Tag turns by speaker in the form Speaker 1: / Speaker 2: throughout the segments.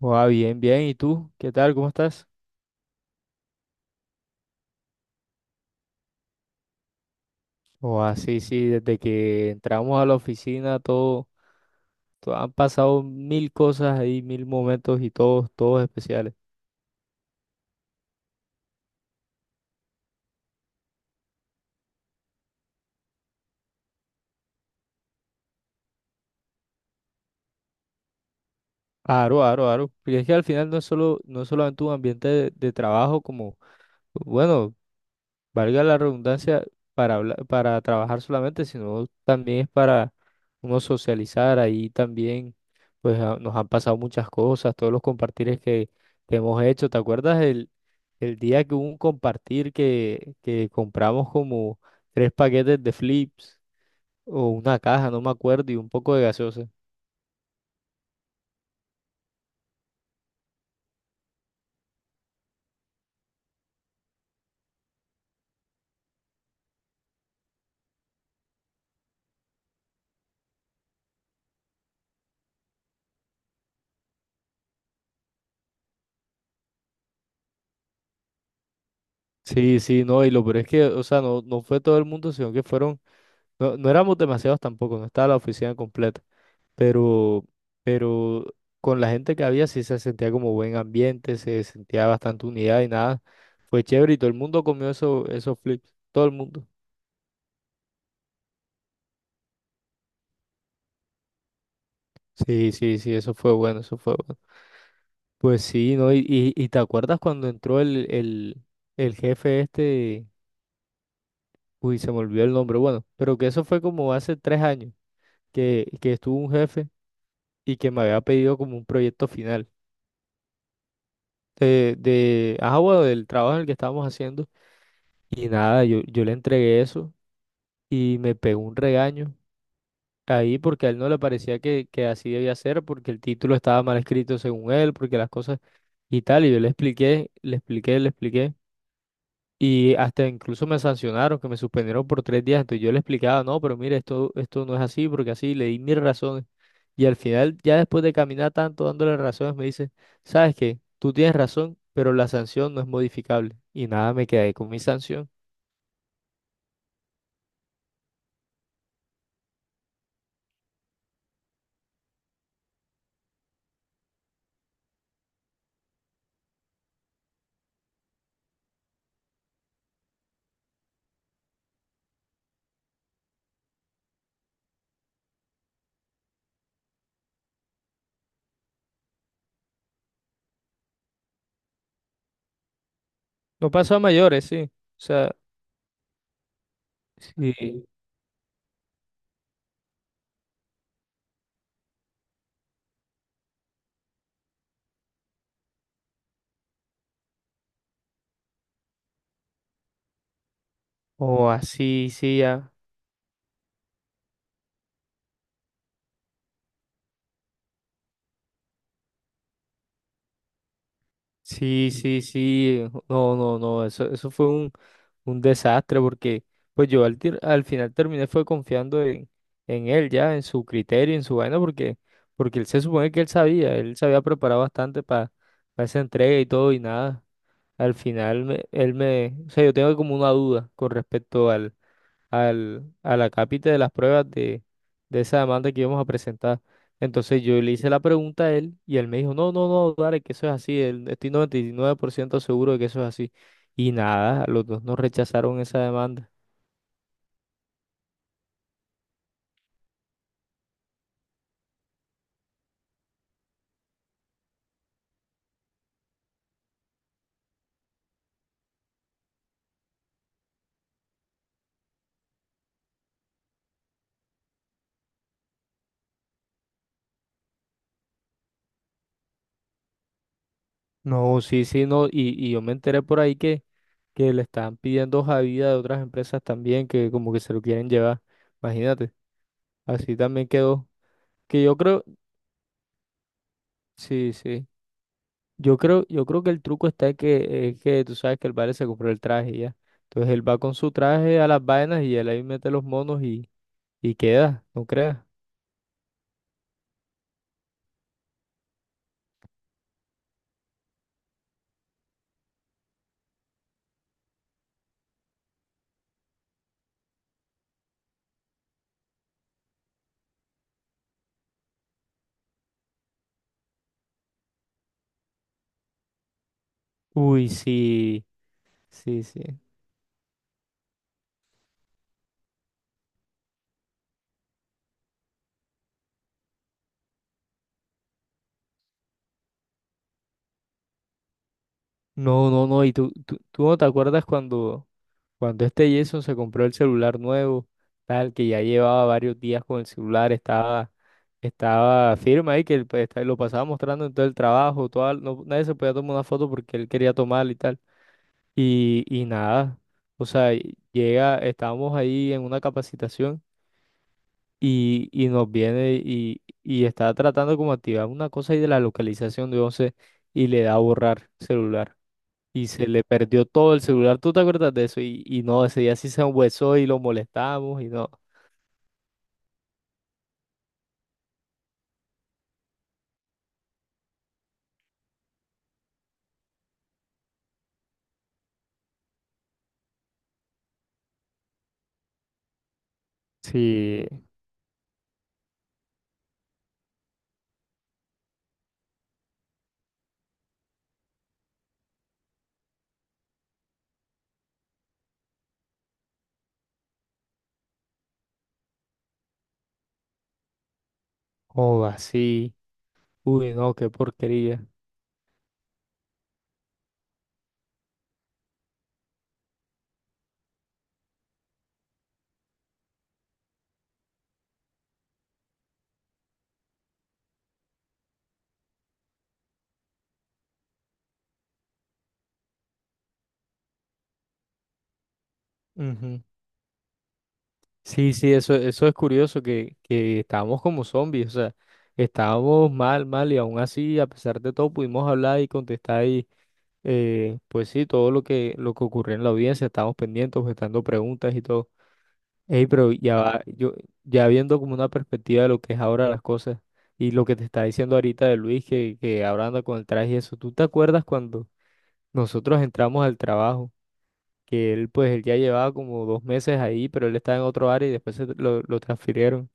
Speaker 1: Oa, bien, bien. ¿Y tú? ¿Qué tal? ¿Cómo estás? Oa, sí, sí. Desde que entramos a la oficina, han pasado mil cosas ahí, mil momentos y todos especiales. Aro, aro, aro. Porque es que al final no es solamente un ambiente de trabajo como, bueno, valga la redundancia, para trabajar solamente, sino también es para uno socializar. Ahí también, pues, nos han pasado muchas cosas, todos los compartires que hemos hecho. ¿Te acuerdas el día que hubo un compartir que compramos como tres paquetes de flips o una caja, no me acuerdo, y un poco de gaseosa? Sí, sí, no, y lo peor es que, o sea, no, no fue todo el mundo, sino que fueron, no, no éramos demasiados tampoco, no estaba la oficina completa, pero, pero con la gente que había sí se sentía como buen ambiente, se sentía bastante unidad y nada, fue chévere y todo el mundo comió eso, esos flips, todo el mundo. Sí, sí, sí, eso fue bueno, eso fue bueno. Pues sí, ¿no? Y te acuerdas cuando entró el jefe este, uy, se me olvidó el nombre, bueno, pero que eso fue como hace 3 años que estuvo un jefe y que me había pedido como un proyecto final de, bueno, del trabajo en el que estábamos haciendo. Y nada, yo le entregué eso y me pegó un regaño ahí porque a él no le parecía que así debía ser, porque el título estaba mal escrito según él, porque las cosas y tal. Y yo le expliqué, le expliqué, le expliqué. Y hasta incluso me sancionaron, que me suspendieron por 3 días. Entonces yo le explicaba, no, pero mire, esto no es así, porque así le di mis razones. Y al final, ya después de caminar tanto dándole razones, me dice, ¿sabes qué? Tú tienes razón, pero la sanción no es modificable. Y nada, me quedé con mi sanción. No pasó a mayores, sí. O sea, sí. O así, sí, ya. Sí, sí, sí. No, no, no. Eso fue un desastre porque pues yo al final terminé fue confiando en él ya, en su criterio, en su vaina, porque él se supone que él sabía, él se había preparado bastante para esa entrega y todo y nada. Al final él me, o sea, yo tengo como una duda con respecto a la cápita de las pruebas de esa demanda que íbamos a presentar. Entonces yo le hice la pregunta a él y él me dijo, no, no, no, dale, que eso es así, estoy 99% seguro de que eso es así. Y nada, los dos nos rechazaron esa demanda. No, sí, sí, no, y yo me enteré por ahí que le están pidiendo hoja de vida de otras empresas también, que como que se lo quieren llevar, imagínate, así también quedó, que yo creo, sí, sí. Yo creo que el truco está es que tú sabes que el vale se compró el traje y ya. Entonces él va con su traje a las vainas y él ahí mete los monos y queda, no creas. Uy, sí, sí, sí. No, no, no. Y tú no te acuerdas cuando este Jason se compró el celular nuevo, tal, que ya llevaba varios días con el celular, estaba firme ahí, que él, pues, lo pasaba mostrando en todo el trabajo, no, nadie se podía tomar una foto porque él quería tomarla y tal. Y nada, o sea, llega, estábamos ahí en una capacitación y nos viene y está tratando como activar una cosa ahí de la localización de 11 y le da a borrar celular y se le perdió todo el celular. ¿Tú te acuerdas de eso? Y no, ese día sí se hueso y lo molestamos y no. Sí, o así. Uy, no, qué porquería. Ujú. Sí, sí, eso es curioso, que estábamos como zombies, o sea, estábamos mal, mal, y aún así, a pesar de todo, pudimos hablar y contestar y, pues sí, todo lo que ocurrió en la audiencia, estábamos pendientes, objetando preguntas y todo. Ey, pero ya va, ya viendo como una perspectiva de lo que es ahora las cosas y lo que te está diciendo ahorita de Luis, que ahora anda con el traje y eso, ¿tú te acuerdas cuando nosotros entramos al trabajo? Que él pues él ya llevaba como 2 meses ahí, pero él estaba en otro área y después se lo transfirieron,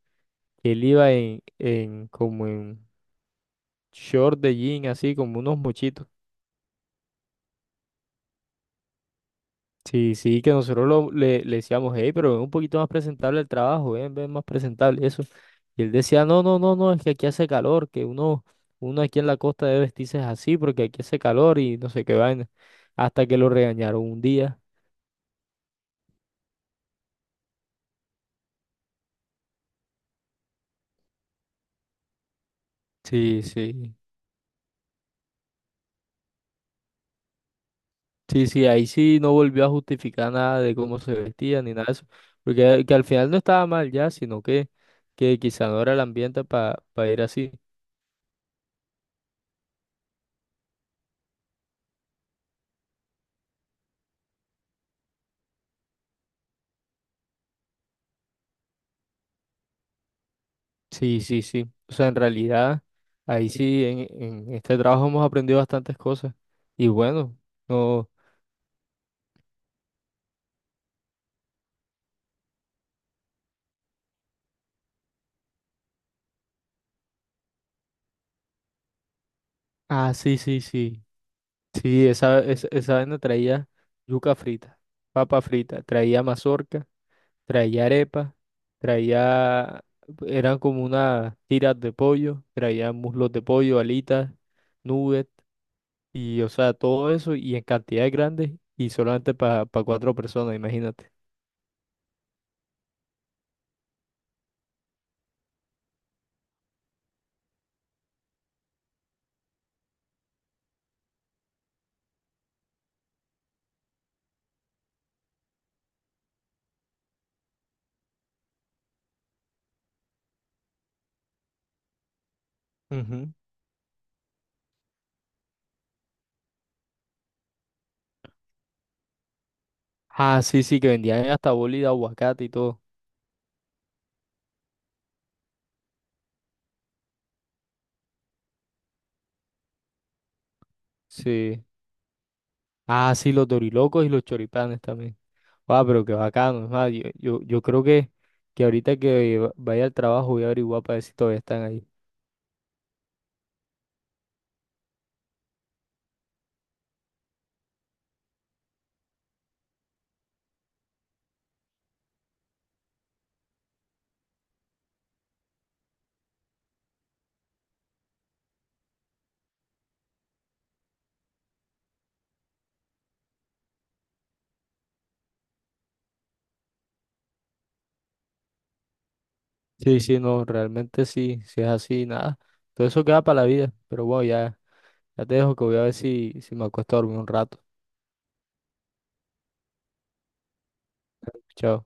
Speaker 1: que él iba en como en short de jean, así como unos mochitos. Sí, sí, que nosotros le decíamos, hey, pero ven un poquito más presentable el trabajo, ven, ven más presentable, eso. Y él decía, no, no, no, no, es que aquí hace calor, que uno aquí en la costa debe vestirse así porque aquí hace calor y no sé qué vaina. Hasta que lo regañaron un día. Sí, sí. Sí, sí, ahí sí no volvió a justificar nada de cómo se vestía ni nada de eso, porque que al final no estaba mal ya, sino que quizá no era el ambiente para ir así. Sí, sí, sí. O sea, en realidad, ahí sí, en este trabajo hemos aprendido bastantes cosas. Y bueno, no. Ah, sí, sí, sí. Sí, esa vaina traía yuca frita, papa frita, traía mazorca, traía arepa. Traía, Eran como unas tiras de pollo, traía muslos de pollo, alitas, nuggets, y o sea, todo eso y en cantidades grandes y solamente para cuatro personas, imagínate. Ujú. Ah, sí, sí, que vendían hasta boli de aguacate y todo. Sí. Ah, sí, los dorilocos y los choripanes también. Ah, pero qué bacano, es más, yo creo que ahorita que vaya al trabajo voy a averiguar para ver si todavía están ahí. Sí, sí, no, realmente sí, si es así, nada. Todo eso queda para la vida, pero bueno, ya. Ya te dejo que voy a ver si me acuesto a dormir un rato. Chao.